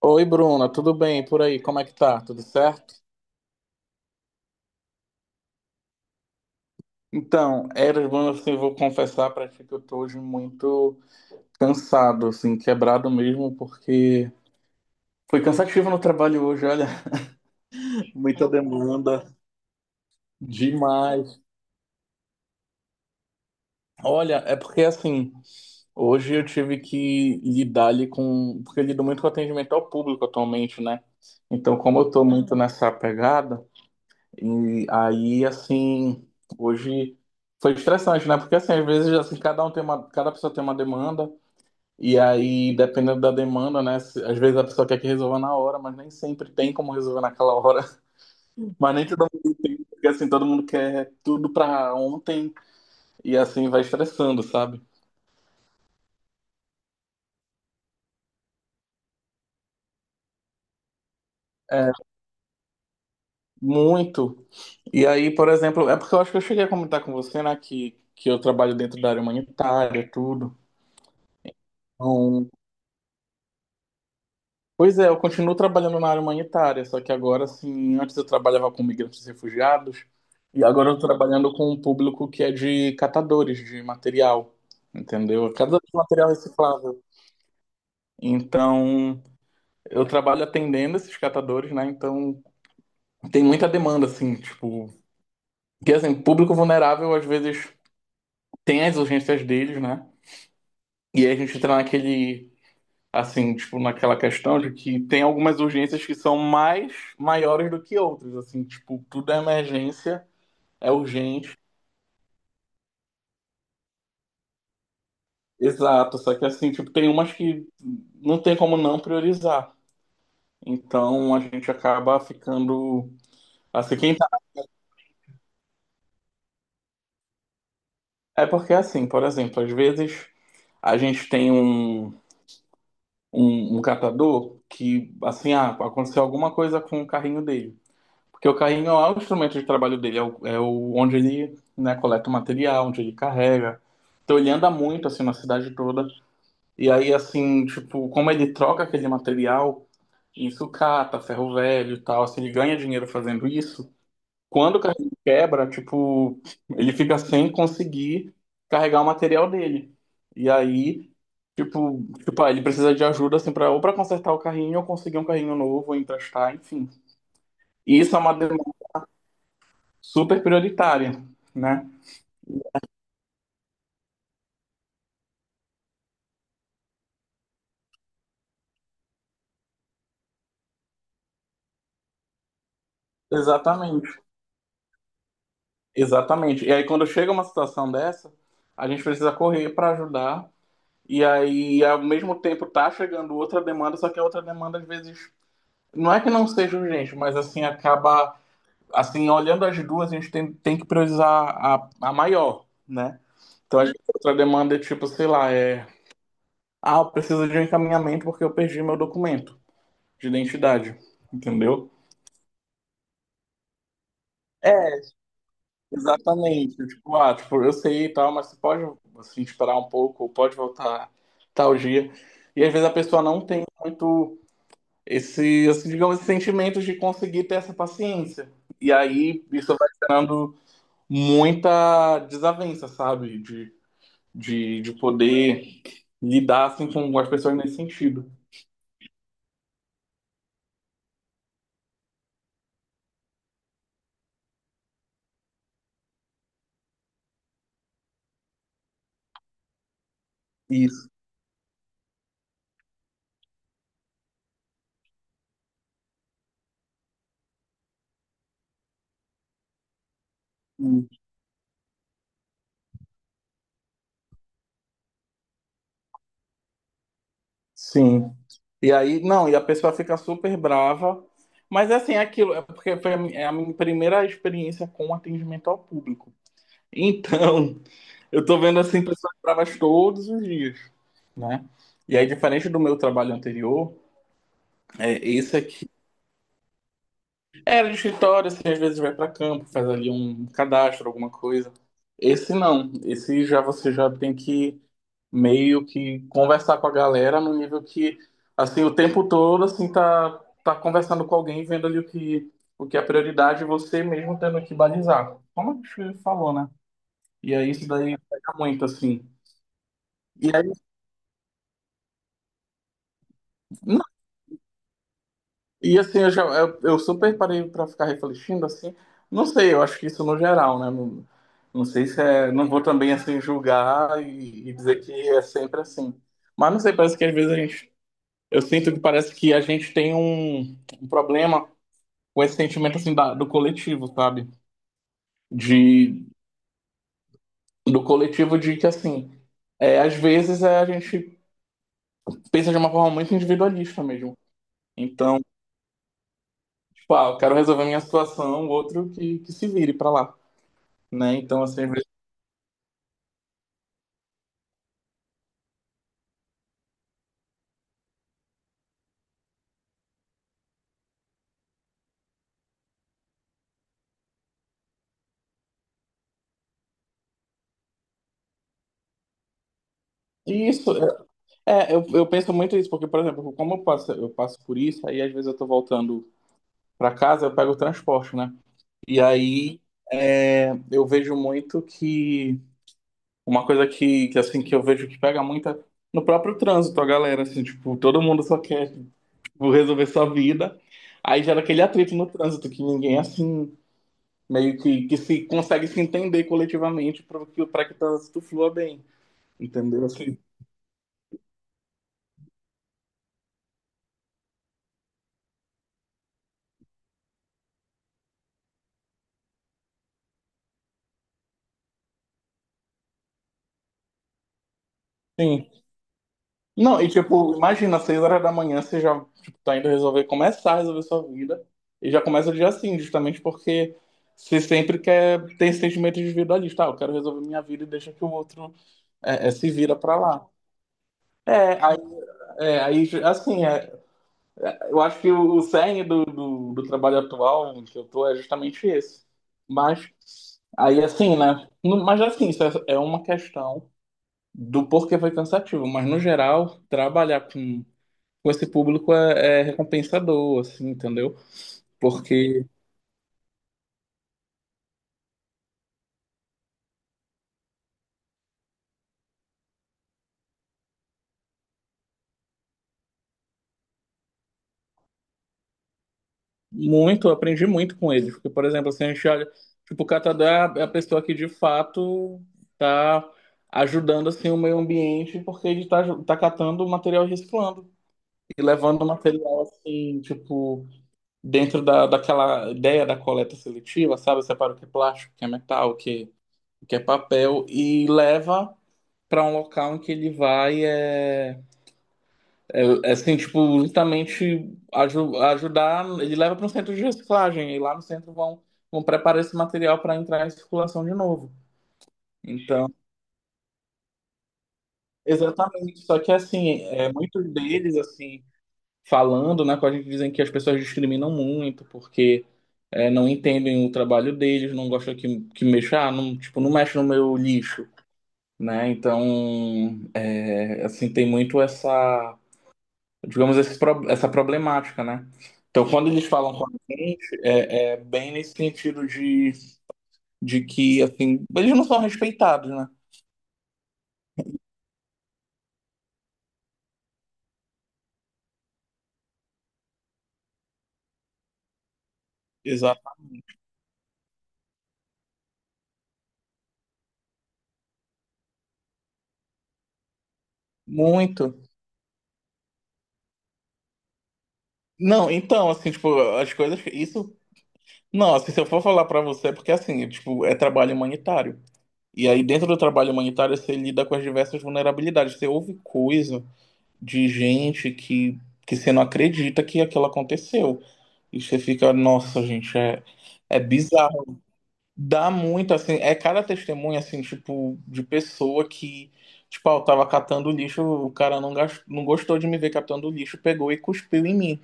Oi, Bruna, tudo bem? E por aí, como é que tá? Tudo certo? Então, bom, assim, eu vou confessar para ti que eu tô hoje muito cansado, assim, quebrado mesmo, porque foi cansativo no trabalho hoje, olha, muita demanda, demais. Olha, é porque assim, hoje eu tive que lidar ali com, porque eu lido muito com atendimento ao público atualmente, né? Então, como eu tô muito nessa pegada. E aí, assim, hoje foi estressante, né? Porque, assim, às vezes, assim, cada pessoa tem uma demanda, e aí, dependendo da demanda, né? Às vezes a pessoa quer que resolva na hora, mas nem sempre tem como resolver naquela hora. Mas nem todo mundo tem, porque, assim, todo mundo quer tudo pra ontem, e assim, vai estressando, sabe? É, muito. E aí, por exemplo, é porque eu acho que eu cheguei a comentar com você, né, que eu trabalho dentro da área humanitária, tudo. Então, pois é, eu continuo trabalhando na área humanitária, só que agora, assim, antes eu trabalhava com migrantes e refugiados, e agora eu estou trabalhando com um público que é de catadores de material, entendeu? Catadores de material reciclável. Então, eu trabalho atendendo esses catadores, né? Então, tem muita demanda, assim, tipo... Porque, assim, público vulnerável, às vezes, tem as urgências deles, né? E aí a gente entra naquele assim, tipo, naquela questão de que tem algumas urgências que são mais maiores do que outras, assim, tipo, tudo é emergência, é urgente, exato, só que assim, tipo, tem umas que não tem como não priorizar. Então a gente acaba ficando assim, quem tá... é porque assim, por exemplo, às vezes a gente tem um catador que assim, ah, aconteceu alguma coisa com o carrinho dele. Porque o carrinho lá, o instrumento de trabalho dele é o onde ele, né, coleta o material, onde ele carrega. Então ele anda muito assim na cidade toda. E aí assim, tipo, como ele troca aquele material em sucata, ferro velho e tal, assim, ele ganha dinheiro fazendo isso. Quando o carrinho quebra, tipo, ele fica sem conseguir carregar o material dele. E aí, tipo, ah, ele precisa de ajuda assim para ou para consertar o carrinho ou conseguir um carrinho novo, ou emprestar, enfim. E isso é uma super prioritária, né? Exatamente, exatamente. E aí, quando chega uma situação dessa, a gente precisa correr para ajudar. E aí, ao mesmo tempo, tá chegando outra demanda, só que a outra demanda, às vezes, não é que não seja urgente, mas assim, acaba. Assim, olhando as duas, a gente tem que priorizar a maior, né? Então, às vezes, a outra demanda é tipo, sei lá, é. Ah, eu preciso de um encaminhamento porque eu perdi meu documento de identidade, entendeu? É, exatamente. Tipo, ah, tipo, eu sei e tal, mas você pode assim, esperar um pouco, ou pode voltar tal dia. E às vezes a pessoa não tem muito esse, assim, digamos, esse sentimento de conseguir ter essa paciência. E aí isso vai gerando muita desavença, sabe? De poder lidar assim, com as pessoas nesse sentido. Isso. Sim. E aí, não, e a pessoa fica super brava. Mas assim, é aquilo, é porque foi é a minha primeira experiência com atendimento ao público. Então, eu tô vendo assim pessoas bravas todos os dias, né? E aí, diferente do meu trabalho anterior, é, esse aqui era de escritório, assim, às vezes vai para campo, faz ali um cadastro, alguma coisa. Esse não, esse já você já tem que meio que conversar com a galera no nível que, assim, o tempo todo, assim, tá conversando com alguém, vendo ali o que é prioridade, e você mesmo tendo que balizar. Como a gente falou, né? E aí isso daí pega muito, assim. E aí, não, e assim, eu, já, eu super parei pra ficar refletindo, assim, não sei, eu acho que isso no geral, né? Não, não sei se é, não vou também, assim, julgar e dizer que é sempre assim. Mas não sei, parece que às vezes a gente eu sinto que parece que a gente tem um problema com esse sentimento assim do coletivo, sabe? De, do coletivo de que assim, é, às vezes é, a gente pensa de uma forma muito individualista mesmo. Então, tipo, ah, eu quero resolver minha situação, o outro que se vire pra lá, né? Então, assim, e isso, é, eu penso muito isso, porque, por exemplo, eu passo por isso, aí às vezes eu tô voltando pra casa, eu pego o transporte, né? E aí é, eu vejo muito que uma coisa que, assim, que eu vejo que pega muita no próprio trânsito, a galera, assim, tipo, todo mundo só quer, tipo, resolver sua vida. Aí gera aquele atrito no trânsito, que ninguém, assim, meio que se consegue se entender coletivamente para que o trânsito flua bem, entendeu? Assim, sim. Não, e tipo, imagina, às seis horas da manhã você já tipo, tá indo resolver, começar a resolver sua vida, e já começa o dia assim, justamente porque você sempre quer ter esse sentimento de individualista, ah, eu quero resolver minha vida e deixa que o outro se vira pra lá. É, aí, é, aí, assim, é, eu acho que o cerne do trabalho atual em que eu tô é justamente esse. Mas, aí assim, né, mas assim, isso é uma questão do porquê foi cansativo, mas no geral, trabalhar com esse público é recompensador, assim, entendeu? Porque muito, eu aprendi muito com eles. Porque, por exemplo, assim, a gente olha, tipo, o catador é a pessoa que de fato tá ajudando, assim, o meio ambiente, porque ele tá, tá catando o material e reciclando. E levando o material, assim, tipo, daquela ideia da coleta seletiva, sabe? Separa o que é plástico, o que é metal, o que é papel, e leva para um local em que ele vai. É, assim, tipo, justamente ajudar, ele leva para um centro de reciclagem, e lá no centro vão preparar esse material para entrar em circulação de novo. Então, exatamente, só que assim, é, muitos deles, assim, falando, né, com a gente dizem que as pessoas discriminam muito, porque é, não entendem o trabalho deles, não gostam que mexa, ah, não, tipo, não mexe no meu lixo, né? Então, é, assim, tem muito essa digamos, essa problemática, né? Então, quando eles falam com a gente, é bem nesse sentido de que, assim, eles não são respeitados, né? Exato. Muito. Não, então, assim, tipo, as coisas, isso... Não, assim, se eu for falar pra você, é porque, assim, tipo, é trabalho humanitário. E aí, dentro do trabalho humanitário, você lida com as diversas vulnerabilidades. Você ouve coisa de gente que você não acredita que aquilo aconteceu. E você fica, nossa, gente, é bizarro. Dá muito, assim, é cada testemunha, assim, tipo, de pessoa que, tipo, ah, eu tava catando lixo, o cara não gostou de me ver catando lixo, pegou e cuspiu em mim.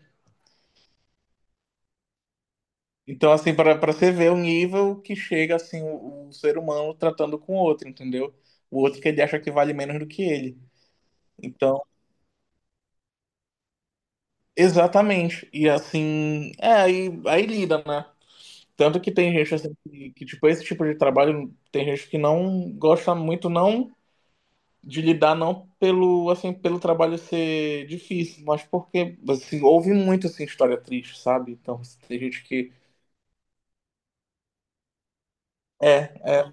Então, assim, para você ver o nível que chega, assim, o ser humano tratando com o outro, entendeu? O outro que ele acha que vale menos do que ele. Então, exatamente. E, assim, é, aí lida, né? Tanto que tem gente, assim, tipo, esse tipo de trabalho, tem gente que não gosta muito, não de lidar não pelo assim pelo trabalho ser difícil, mas porque assim, houve muito assim história triste, sabe? Então assim, tem gente que é, é,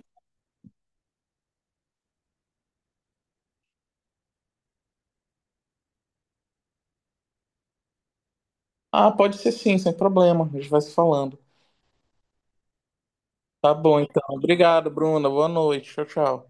ah, pode ser sim, sem problema, a gente vai se falando. Tá bom, então. Obrigado, Bruna. Boa noite. Tchau, tchau.